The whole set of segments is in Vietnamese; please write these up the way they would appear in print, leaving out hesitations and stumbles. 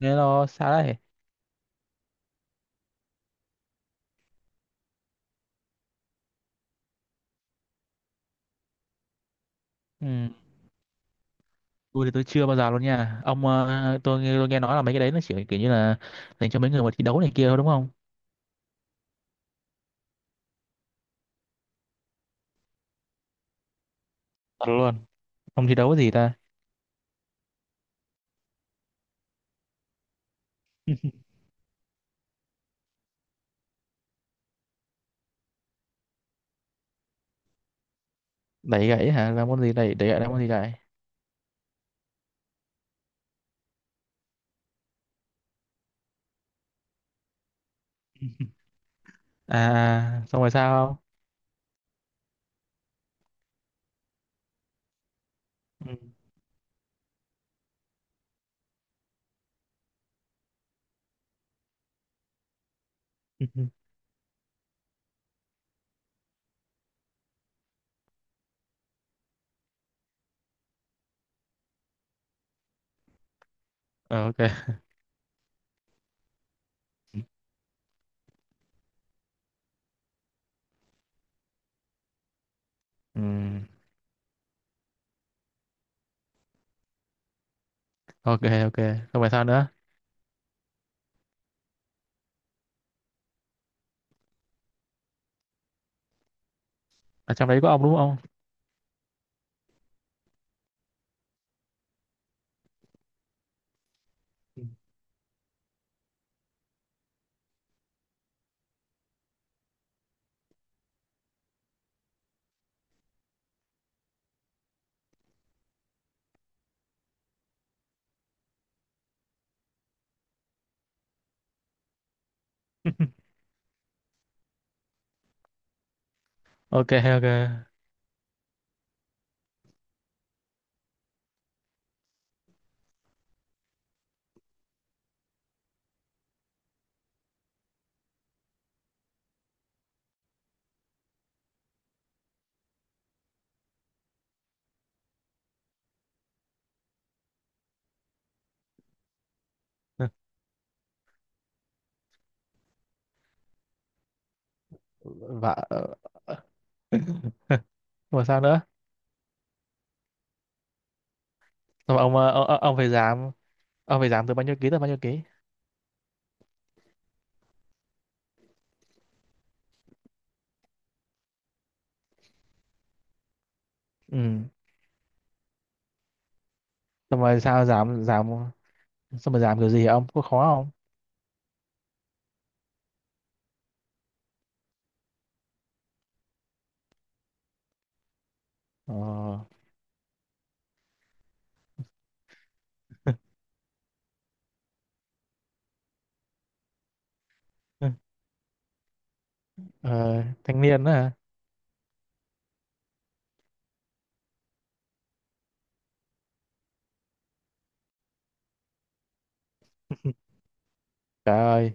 Thế nó xa đấy. Ừ. Tôi thì tôi chưa bao giờ luôn nha ông, tôi nghe nói là mấy cái đấy nó chỉ kiểu như là dành cho mấy người mà thi đấu này kia thôi, đúng không? Thật luôn. Ông thi đấu cái gì ta? Đẩy gãy hả? Là môn gì? Đẩy đẩy gãy là môn gì? Đẩy? À à, xong rồi sao? Không. Ừ. Ờ, ok. Ừ. Ok, ok. Không phải sao nữa? Ở trong đấy có ông đúng không? Ừ. Ok, ok. Và rồi sao nữa? Xong rồi ông phải giảm, ông phải giảm từ bao nhiêu ký tới bao nhiêu ký? Ừ. Xong rồi sao giảm giảm? Sao mà làm kiểu gì hả ông? Có khó không? Ờ. Ờ, thanh niên đó hả? Trời ơi,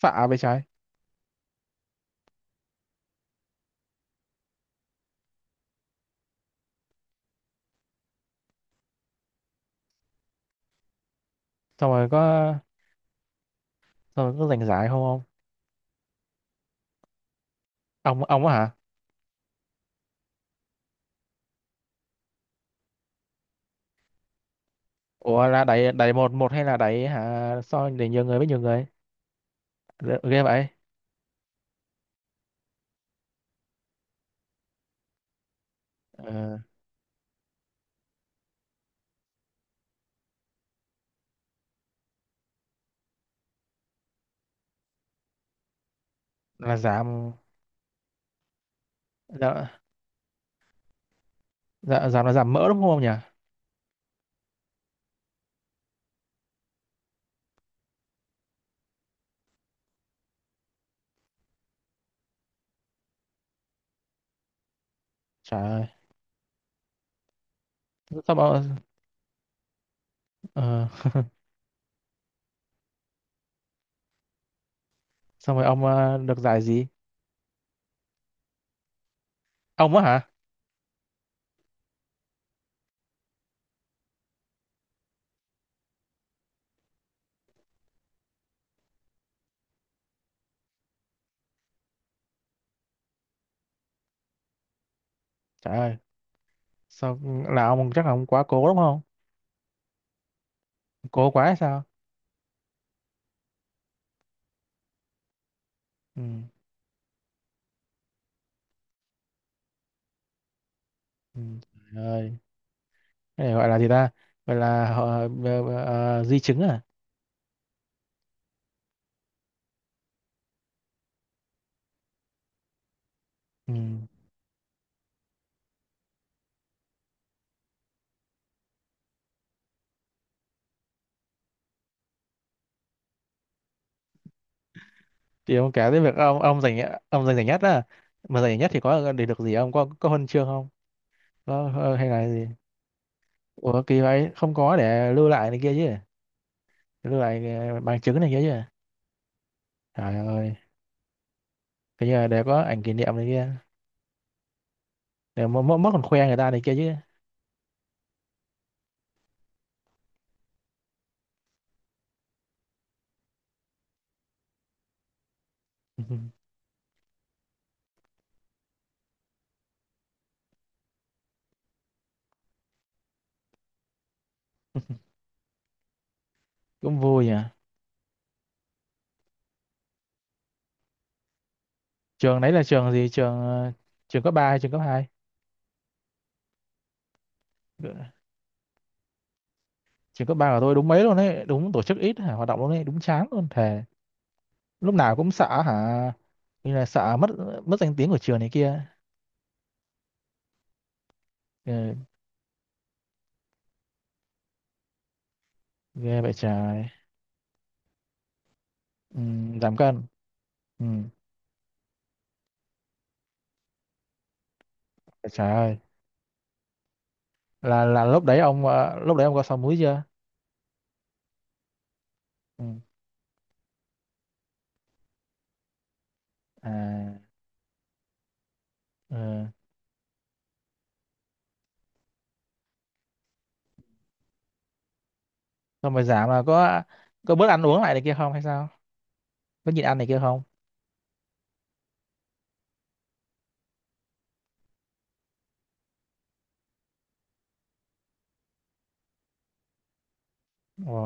phạ vậy trái. Xong rồi có xong rồi có giành giải không, ông? Ông á hả? Ủa là đẩy đẩy một một hay là đẩy hả, so để nhiều người với nhiều người? Ghê vậy. Ờ. Là giảm. Dạ, dạ, giảm là giảm mỡ đúng không nhỉ? Trời ơi. Xong rồi, ờ, xong rồi ông được giải gì? Ông á hả? Trời ơi. Sao? Là ông chắc là ông quá cố đúng không? Cố quá hay sao? Ừ. Ừ. Trời ơi. Cái này gọi là gì ta, gọi là họ di chứng à? Ừ. Thì ông kể tới việc ông giành, ông giành giải nhất á. Mà giành giải nhất thì có để được gì, ông có huân chương không? Có hay là gì? Ủa kỳ vậy, không có để lưu lại này kia chứ? Lưu lại bằng chứng này kia chứ? Trời ơi. Cái như là để có ảnh kỷ niệm này kia. Để mất mất còn khoe người ta này kia chứ. Cũng vui nhỉ. Trường đấy là trường gì? Trường cấp ba hay trường cấp hai? Trường cấp ba của tôi đúng mấy luôn đấy, đúng tổ chức ít hả? Hoạt động luôn đấy đúng chán luôn thề. Lúc nào cũng sợ hả? Như là sợ mất mất danh tiếng của trường này kia. Ừ, ghê vậy trời. Ừ, giảm cân. Ừ. Vậy trời ơi. Là lúc đấy ông có sáu múi chưa? Ừ. À. Ừ. Xong rồi giảm là có bớt ăn uống lại này kia không hay sao? Có nhịn ăn này kia không? Ồ.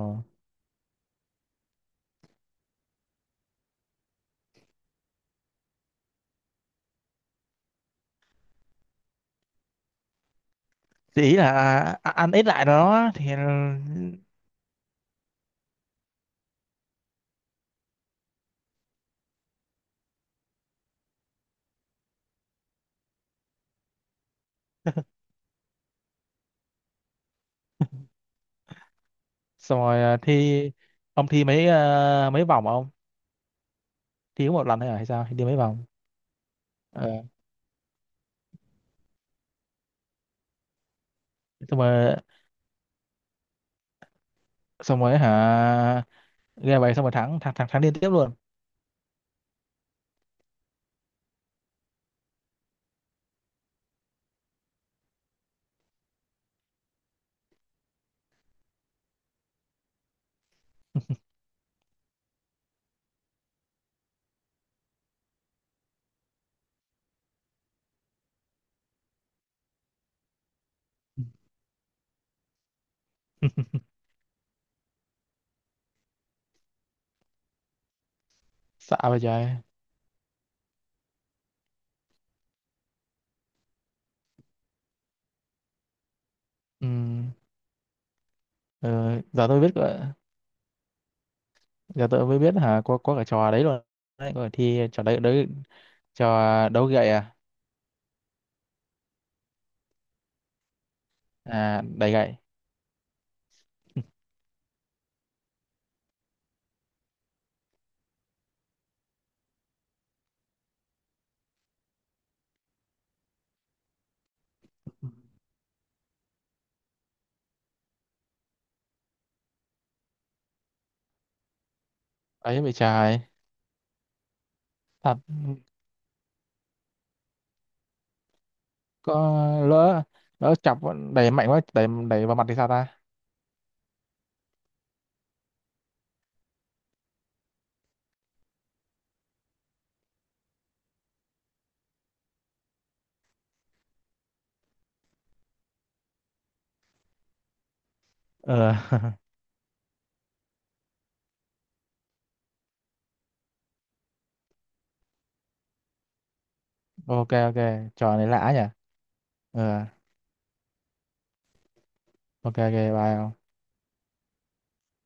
Thì ý là ăn ít lại đó thì. Xong rồi à, thi. Ông thi mấy vòng không? Thi có một lần thôi hả hay sao? Thi đi mấy vòng? Ờ. Xong rồi. Xong rồi hả? Game vậy xong rồi thắng liên tiếp luôn? Xạ vậy trời. Ừ. ờ, Giờ tôi biết giờ tôi mới biết hả, có cả trò đấy luôn. Đấy có cả thi trò đấy đấy. Trò? Đấu gậy à? À, đẩy gậy. Ấy bị trời. Thật. Có. Lỡ lỡ chọc, đẩy mạnh quá, đẩy đẩy vào mặt thì sao ta? Ờ. Ok, ok. Trò này lạ nhỉ. Ờ. Ok, ok, bye.